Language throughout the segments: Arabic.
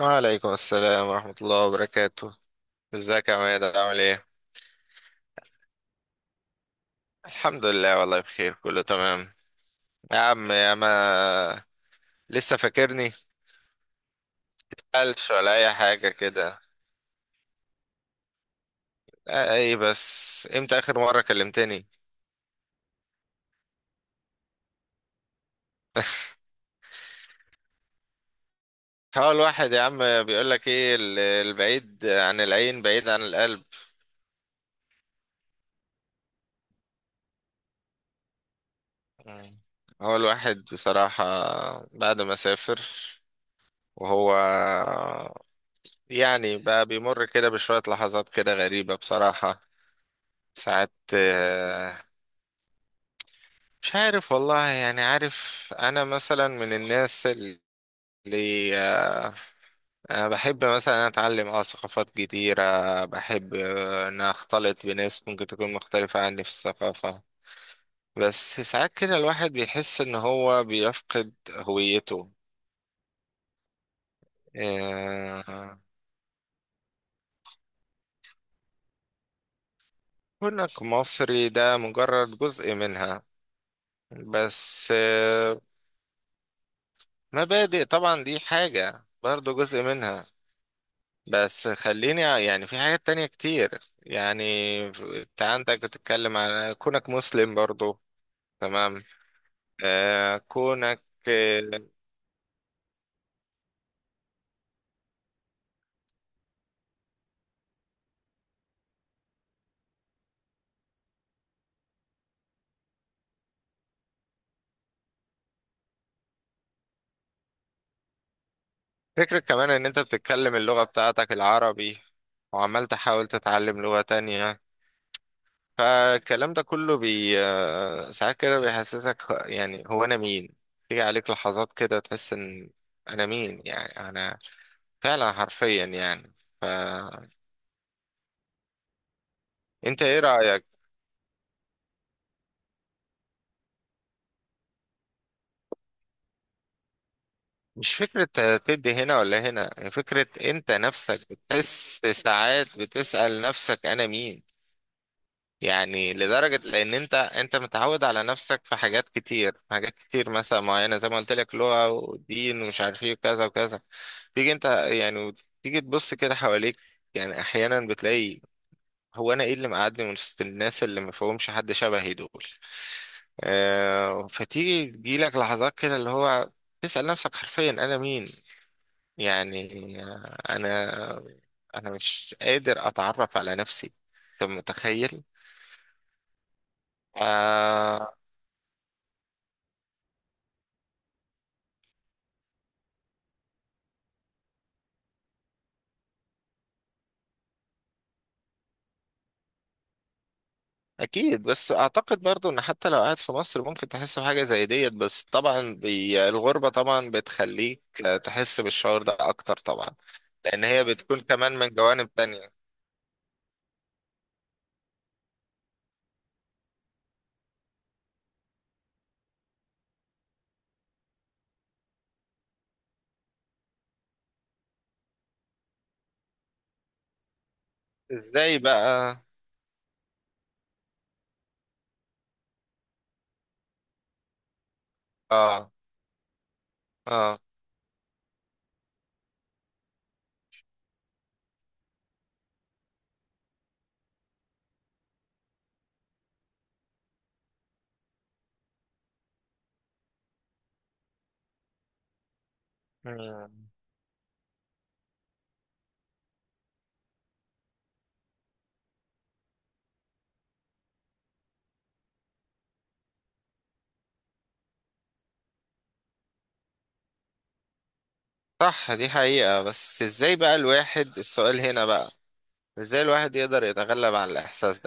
وعليكم السلام ورحمة الله وبركاته. ازيك يا عماد، عامل ايه؟ الحمد لله، والله بخير، كله تمام. يا عم يا ما، لسه فاكرني. متسألش ولا أي حاجة كده. لا، ايه بس امتى آخر مرة كلمتني؟ هو الواحد يا عم بيقولك ايه، البعيد عن العين بعيد عن القلب. مم. هو الواحد بصراحة بعد ما سافر وهو يعني بقى بيمر كده بشوية لحظات كده غريبة بصراحة. ساعات مش عارف والله. يعني عارف انا مثلا من الناس اللي آه، أنا بحب مثلا اتعلم ثقافات جديدة. بحب ان اختلط بناس ممكن تكون مختلفة عني في الثقافة. بس ساعات كده الواحد بيحس ان هو بيفقد هويته. آه، كونك مصري ده مجرد جزء منها. بس مبادئ طبعا دي حاجة برضه جزء منها. بس خليني، يعني في حاجات تانية كتير. يعني انت عندك بتتكلم على كونك مسلم برضو، تمام. آه كونك آه فكرة كمان ان انت بتتكلم اللغة بتاعتك العربي وعمال تحاول تتعلم لغة تانية. فالكلام ده كله بي آه، ساعات كده بيحسسك، يعني هو انا مين؟ تيجي عليك لحظات كده تحس ان انا مين، يعني انا فعلا حرفيا يعني. فانت، ايه رأيك؟ مش فكرة تدي هنا ولا هنا. هي فكرة انت نفسك بتحس ساعات بتسأل نفسك انا مين. يعني لدرجة لان انت متعود على نفسك في حاجات كتير، حاجات كتير مثلا معينة، زي ما قلت لك لغة ودين ومش عارف ايه وكذا وكذا. تيجي انت يعني تيجي تبص كده حواليك. يعني احيانا بتلاقي، هو انا ايه اللي مقعدني من وسط الناس اللي ما فيهمش حد شبهي دول؟ آه، فتيجي تجيلك لحظات كده اللي هو تسأل نفسك حرفيا أنا مين. يعني انا انا مش قادر اتعرف على نفسي. انت متخيل؟ آه. اكيد. بس اعتقد برضو ان حتى لو قاعد في مصر ممكن تحس بحاجه زي ديت. بس طبعا الغربه طبعا بتخليك تحس بالشعور ده اكتر طبعا. لان هي بتكون كمان من جوانب تانية. ازاي بقى؟ اه، اه. مم. صح، دي حقيقه. بس ازاي بقى الواحد، السؤال هنا بقى، ازاي الواحد يقدر يتغلب على الاحساس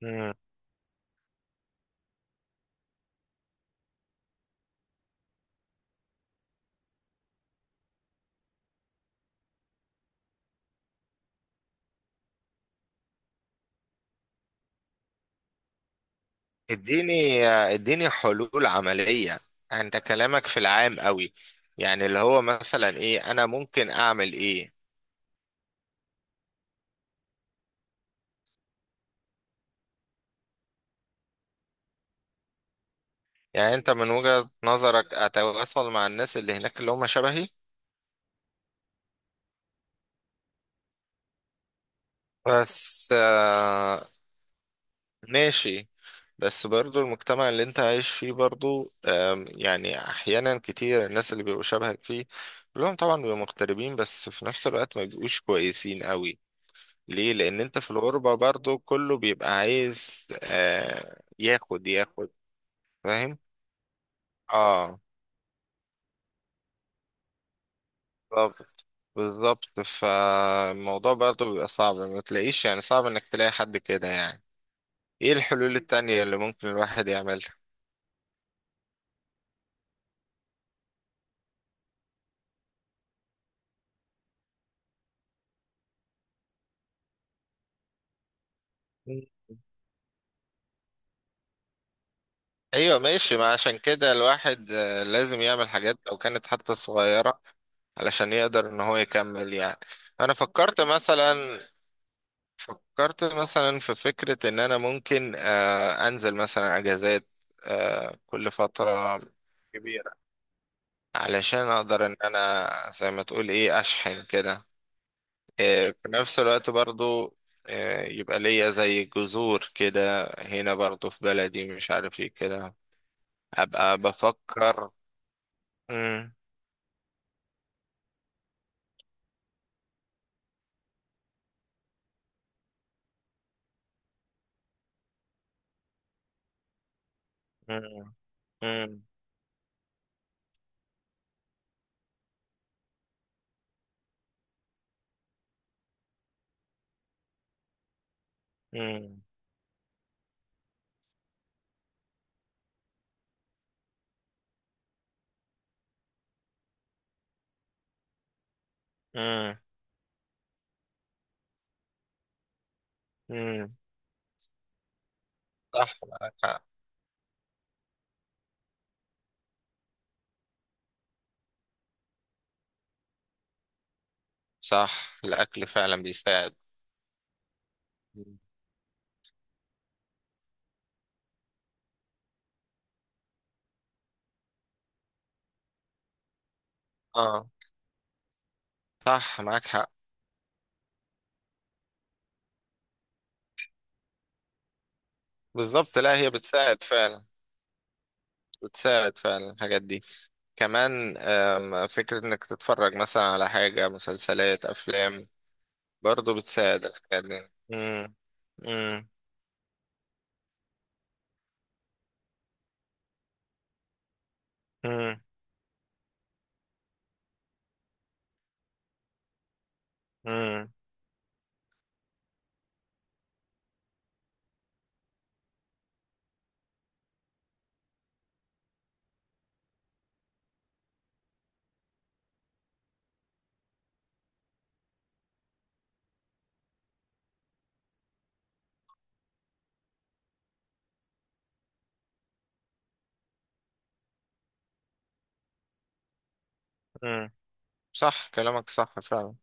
ده؟ اديني اديني حلول عملية. انت كلامك في العام قوي. يعني اللي هو مثلا ايه، انا ممكن اعمل ايه؟ يعني انت من وجهة نظرك اتواصل مع الناس اللي هناك اللي هم شبهي؟ بس ماشي. بس برضو المجتمع اللي انت عايش فيه برضو، يعني احيانا كتير الناس اللي بيبقوا شبهك فيه كلهم طبعا بيبقوا مغتربين، بس في نفس الوقت ما بيبقوش كويسين قوي. ليه؟ لان انت في الغربة برضو كله بيبقى عايز ياخد ياخد. فاهم. اه. بالظبط، بالظبط. فالموضوع برضو بيبقى صعب. ما تلاقيش، يعني صعب انك تلاقي حد كده يعني. ايه الحلول التانية اللي ممكن الواحد يعملها؟ مم. ايوه، ماشي. ما عشان كده الواحد لازم يعمل حاجات لو كانت حتى صغيرة علشان يقدر ان هو يكمل يعني. انا فكرت مثلا، في فكرة ان انا ممكن انزل مثلا اجازات كل فترة كبيرة علشان اقدر ان انا زي ما تقول ايه اشحن كده. في نفس الوقت برضو يبقى ليا زي جذور كده هنا برضو في بلدي، مش عارف ايه كده. ابقى بفكر. مم، مم، مم، مم، مم، مم. صح، معاك حق. صح، الاكل فعلا بيساعد. مم. اه، صح معاك حق. بالظبط، لا هي بتساعد فعلا. بتساعد فعلا الحاجات دي. كمان فكرة انك تتفرج مثلا على حاجة، مسلسلات، افلام، برضو بتساعد الحاجات دي. مم. مم. مم. مم. مم. صح، كلامك صح فعلا.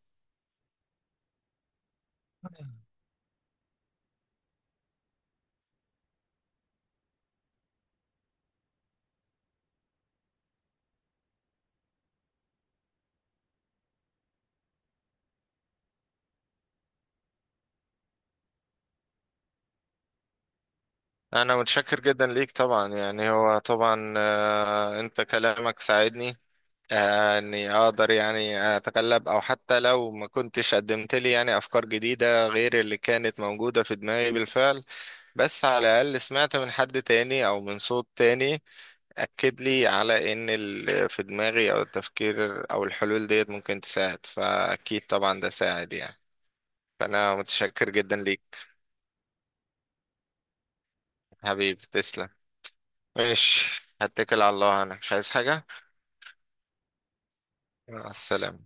انا متشكر جدا ليك طبعا. يعني هو طبعا انت كلامك ساعدني اني اقدر يعني اتغلب. او حتى لو ما كنتش قدمت لي يعني افكار جديدة غير اللي كانت موجودة في دماغي بالفعل، بس على الأقل سمعت من حد تاني أو من صوت تاني أكد لي على إن اللي في دماغي أو التفكير أو الحلول ديت ممكن تساعد. فأكيد طبعا ده ساعد يعني. فأنا متشكر جدا ليك. حبيبي تسلم. ماشي، هتكل على الله، أنا مش عايز حاجة. مع السلامة.